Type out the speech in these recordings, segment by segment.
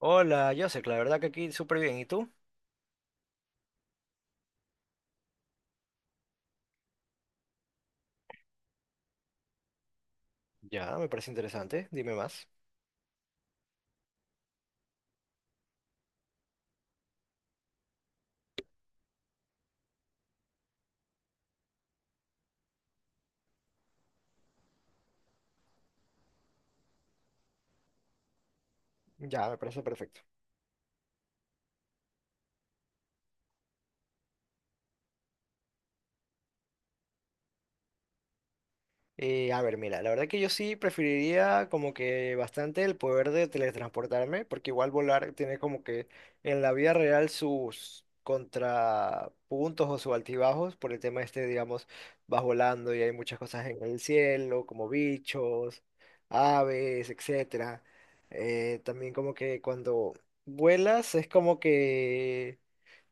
Hola, Joseph, la verdad que aquí súper bien. ¿Y tú? Ya, me parece interesante. Dime más. Ya, me parece perfecto. A ver, mira, la verdad que yo sí preferiría como que bastante el poder de teletransportarme, porque igual volar tiene como que en la vida real sus contrapuntos o sus altibajos por el tema este, digamos, vas volando y hay muchas cosas en el cielo, como bichos, aves, etcétera. También como que cuando vuelas es como que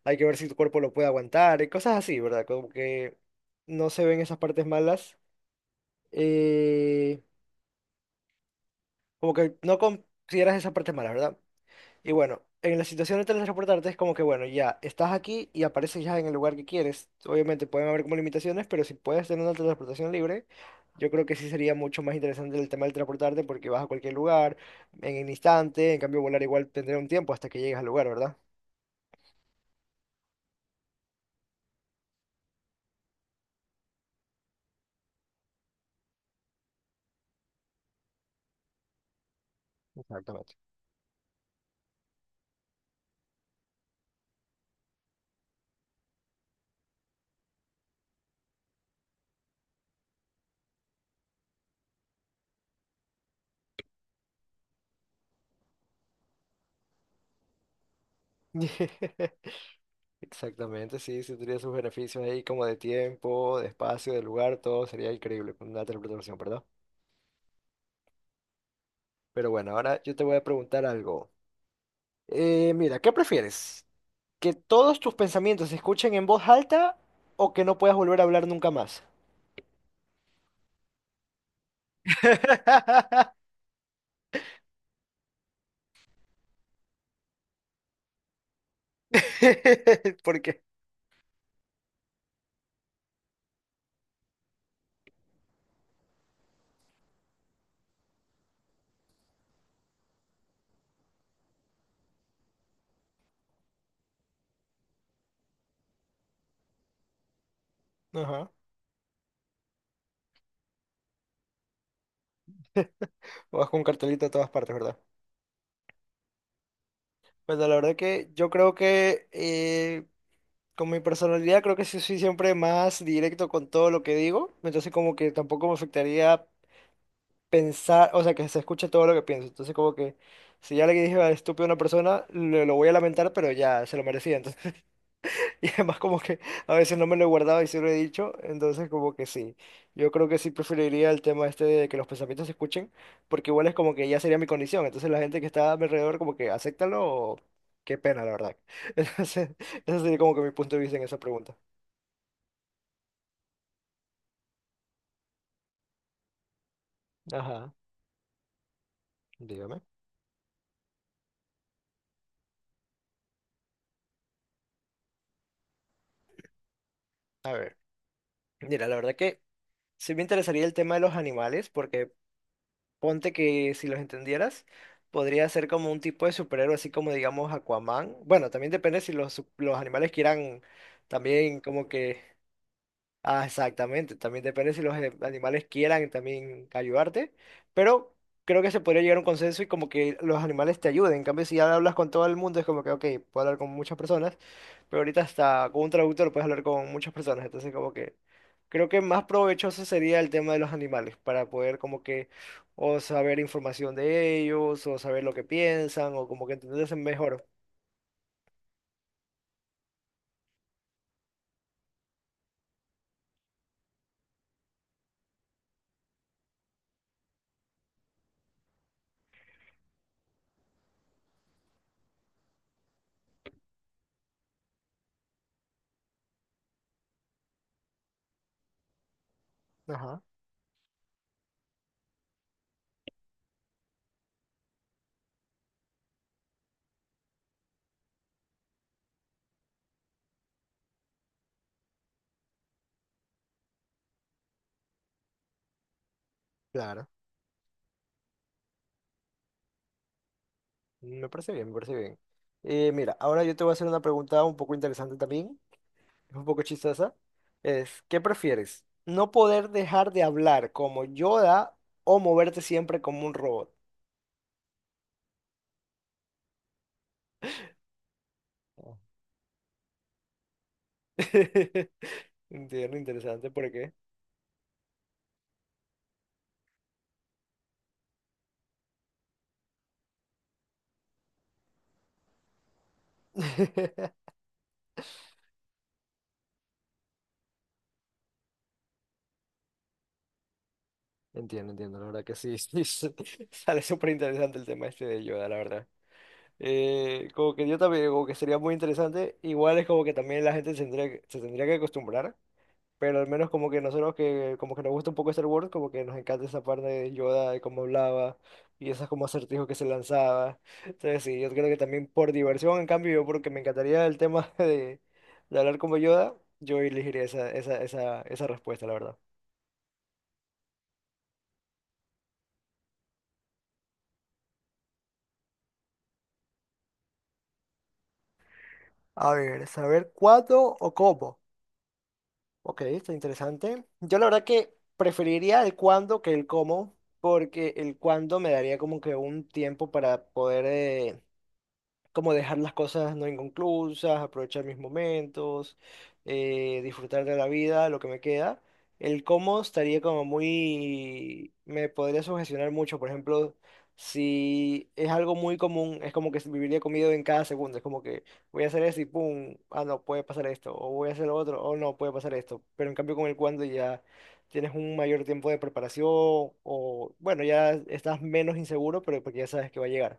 hay que ver si tu cuerpo lo puede aguantar, y cosas así, ¿verdad? Como que no se ven esas partes malas, eh, como que no consideras esas partes malas, ¿verdad? Y bueno, en la situación de teletransportarte es como que, bueno, ya estás aquí y apareces ya en el lugar que quieres. Obviamente pueden haber como limitaciones, pero si puedes tener una teletransportación libre, yo creo que sí sería mucho más interesante el tema del transportarte porque vas a cualquier lugar en un instante, en cambio volar igual tendría un tiempo hasta que llegues al lugar, ¿verdad? Exactamente. Exactamente, sí, sí tendría sus beneficios ahí como de tiempo, de espacio, de lugar, todo sería increíble con una teleportación, ¿verdad? Pero bueno, ahora yo te voy a preguntar algo. Mira, ¿qué prefieres? ¿Que todos tus pensamientos se escuchen en voz alta o que no puedas volver a hablar nunca más? ¿Por qué? Ajá. Vas con un cartelito a todas partes, ¿verdad? Bueno, la verdad que yo creo que con mi personalidad creo que sí soy siempre más directo con todo lo que digo, entonces como que tampoco me afectaría pensar, o sea, que se escuche todo lo que pienso. Entonces, como que si ya le dije al estúpido a una persona, lo voy a lamentar, pero ya se lo merecía. Entonces, y además, como que a veces no me lo he guardado y sí lo he dicho. Entonces, como que sí. Yo creo que sí preferiría el tema este de que los pensamientos se escuchen, porque igual es como que ya sería mi condición. Entonces, la gente que está a mi alrededor, como que acéptalo o qué pena, la verdad. Entonces, ese sería como que mi punto de vista en esa pregunta. Ajá, dígame. A ver, mira, la verdad que. Sí me interesaría el tema de los animales, porque ponte que si los entendieras, podría ser como un tipo de superhéroe, así como digamos Aquaman. Bueno, también depende si los animales quieran también como que Ah, exactamente, también depende si animales quieran también ayudarte, pero creo que se podría llegar a un consenso y como que los animales te ayuden. En cambio, si ya hablas con todo el mundo, es como que, ok, puedo hablar con muchas personas, pero ahorita hasta con un traductor puedes hablar con muchas personas, entonces como que creo que más provechoso sería el tema de los animales para poder como que o saber información de ellos, o saber lo que piensan, o como que entenderse mejor. Ajá. Me parece bien, me parece bien. Mira, ahora yo te voy a hacer una pregunta un poco interesante también, es un poco chistosa. Es, ¿qué prefieres? ¿No poder dejar de hablar como Yoda o moverte siempre como un robot? Oh. Entiendo, interesante, ¿por qué? Entiendo, entiendo, la verdad que sí, sí, sí, sale súper interesante el tema este de Yoda, la verdad. Como que yo también, como que sería muy interesante, igual es como que también la gente se tendría que acostumbrar. Pero al menos como que nosotros que como que nos gusta un poco Star Wars, como que nos encanta esa parte de Yoda, de cómo hablaba y esos como acertijos que se lanzaba. Entonces sí, yo creo que también por diversión, en cambio, yo porque me encantaría el tema de hablar como Yoda, yo elegiría esa respuesta, la verdad. A ver, saber cuándo o cómo. Ok, está interesante. Yo la verdad que preferiría el cuándo que el cómo, porque el cuándo me daría como que un tiempo para poder... como dejar las cosas no inconclusas, aprovechar mis momentos, disfrutar de la vida, lo que me queda. El cómo estaría como muy, me podría sugestionar mucho, por ejemplo, si es algo muy común, es como que viviría comido en cada segundo, es como que voy a hacer esto y pum, ah no, puede pasar esto, o voy a hacer lo otro, o no, puede pasar esto, pero en cambio con el cuando ya tienes un mayor tiempo de preparación, o bueno, ya estás menos inseguro, pero porque ya sabes que va a llegar.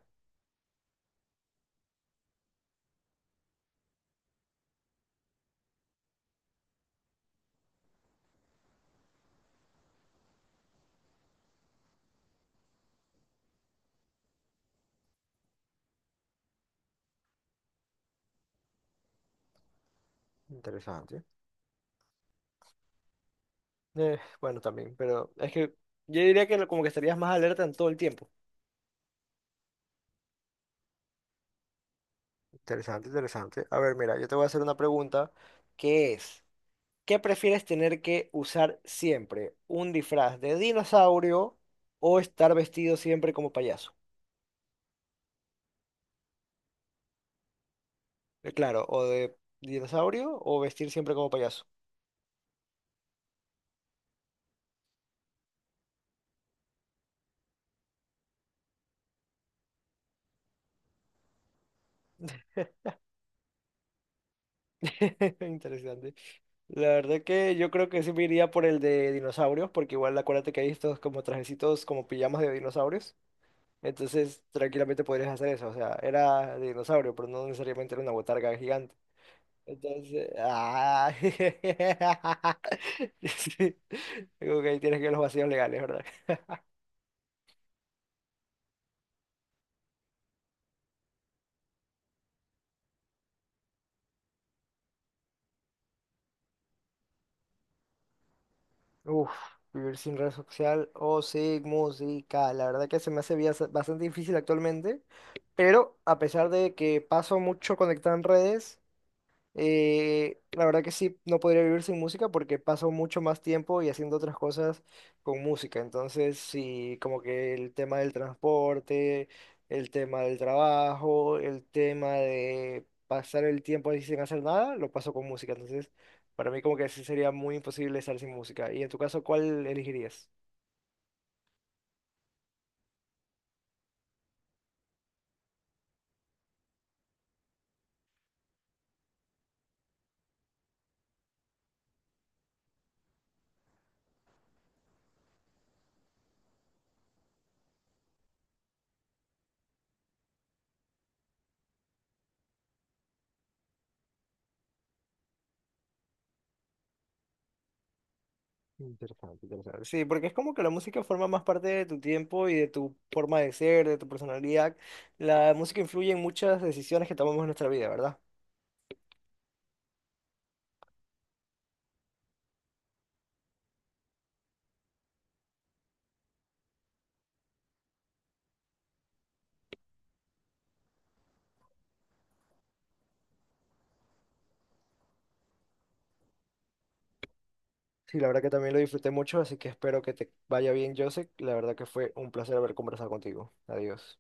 Interesante. Bueno, también, pero es que yo diría que lo- como que estarías más alerta en todo el tiempo. Interesante, interesante. A ver, mira, yo te voy a hacer una pregunta que es, ¿qué prefieres tener que usar siempre? ¿Un disfraz de dinosaurio o estar vestido siempre como payaso? Claro, o de dinosaurio o vestir siempre como payaso. Interesante. La verdad que yo creo que sí me iría por el de dinosaurios, porque igual acuérdate que hay estos como trajecitos como pijamas de dinosaurios. Entonces, tranquilamente podrías hacer eso. O sea, era de dinosaurio, pero no necesariamente era una botarga gigante. Entonces, ah, sí. Digo que ahí tienes que ver los vacíos legales, ¿verdad? Uf, vivir sin red social o sin música. La verdad que se me hace bastante difícil actualmente, pero a pesar de que paso mucho conectado en redes. La verdad que sí, no podría vivir sin música porque paso mucho más tiempo y haciendo otras cosas con música. Entonces, sí, como que el tema del transporte, el tema del trabajo, el tema de pasar el tiempo así sin hacer nada, lo paso con música. Entonces, para mí como que sí sería muy imposible estar sin música. Y en tu caso, ¿cuál elegirías? Interesante, interesante. Sí, porque es como que la música forma más parte de tu tiempo y de tu forma de ser, de tu personalidad. La música influye en muchas decisiones que tomamos en nuestra vida, ¿verdad? Sí, la verdad que también lo disfruté mucho, así que espero que te vaya bien, Joseph. La verdad que fue un placer haber conversado contigo. Adiós.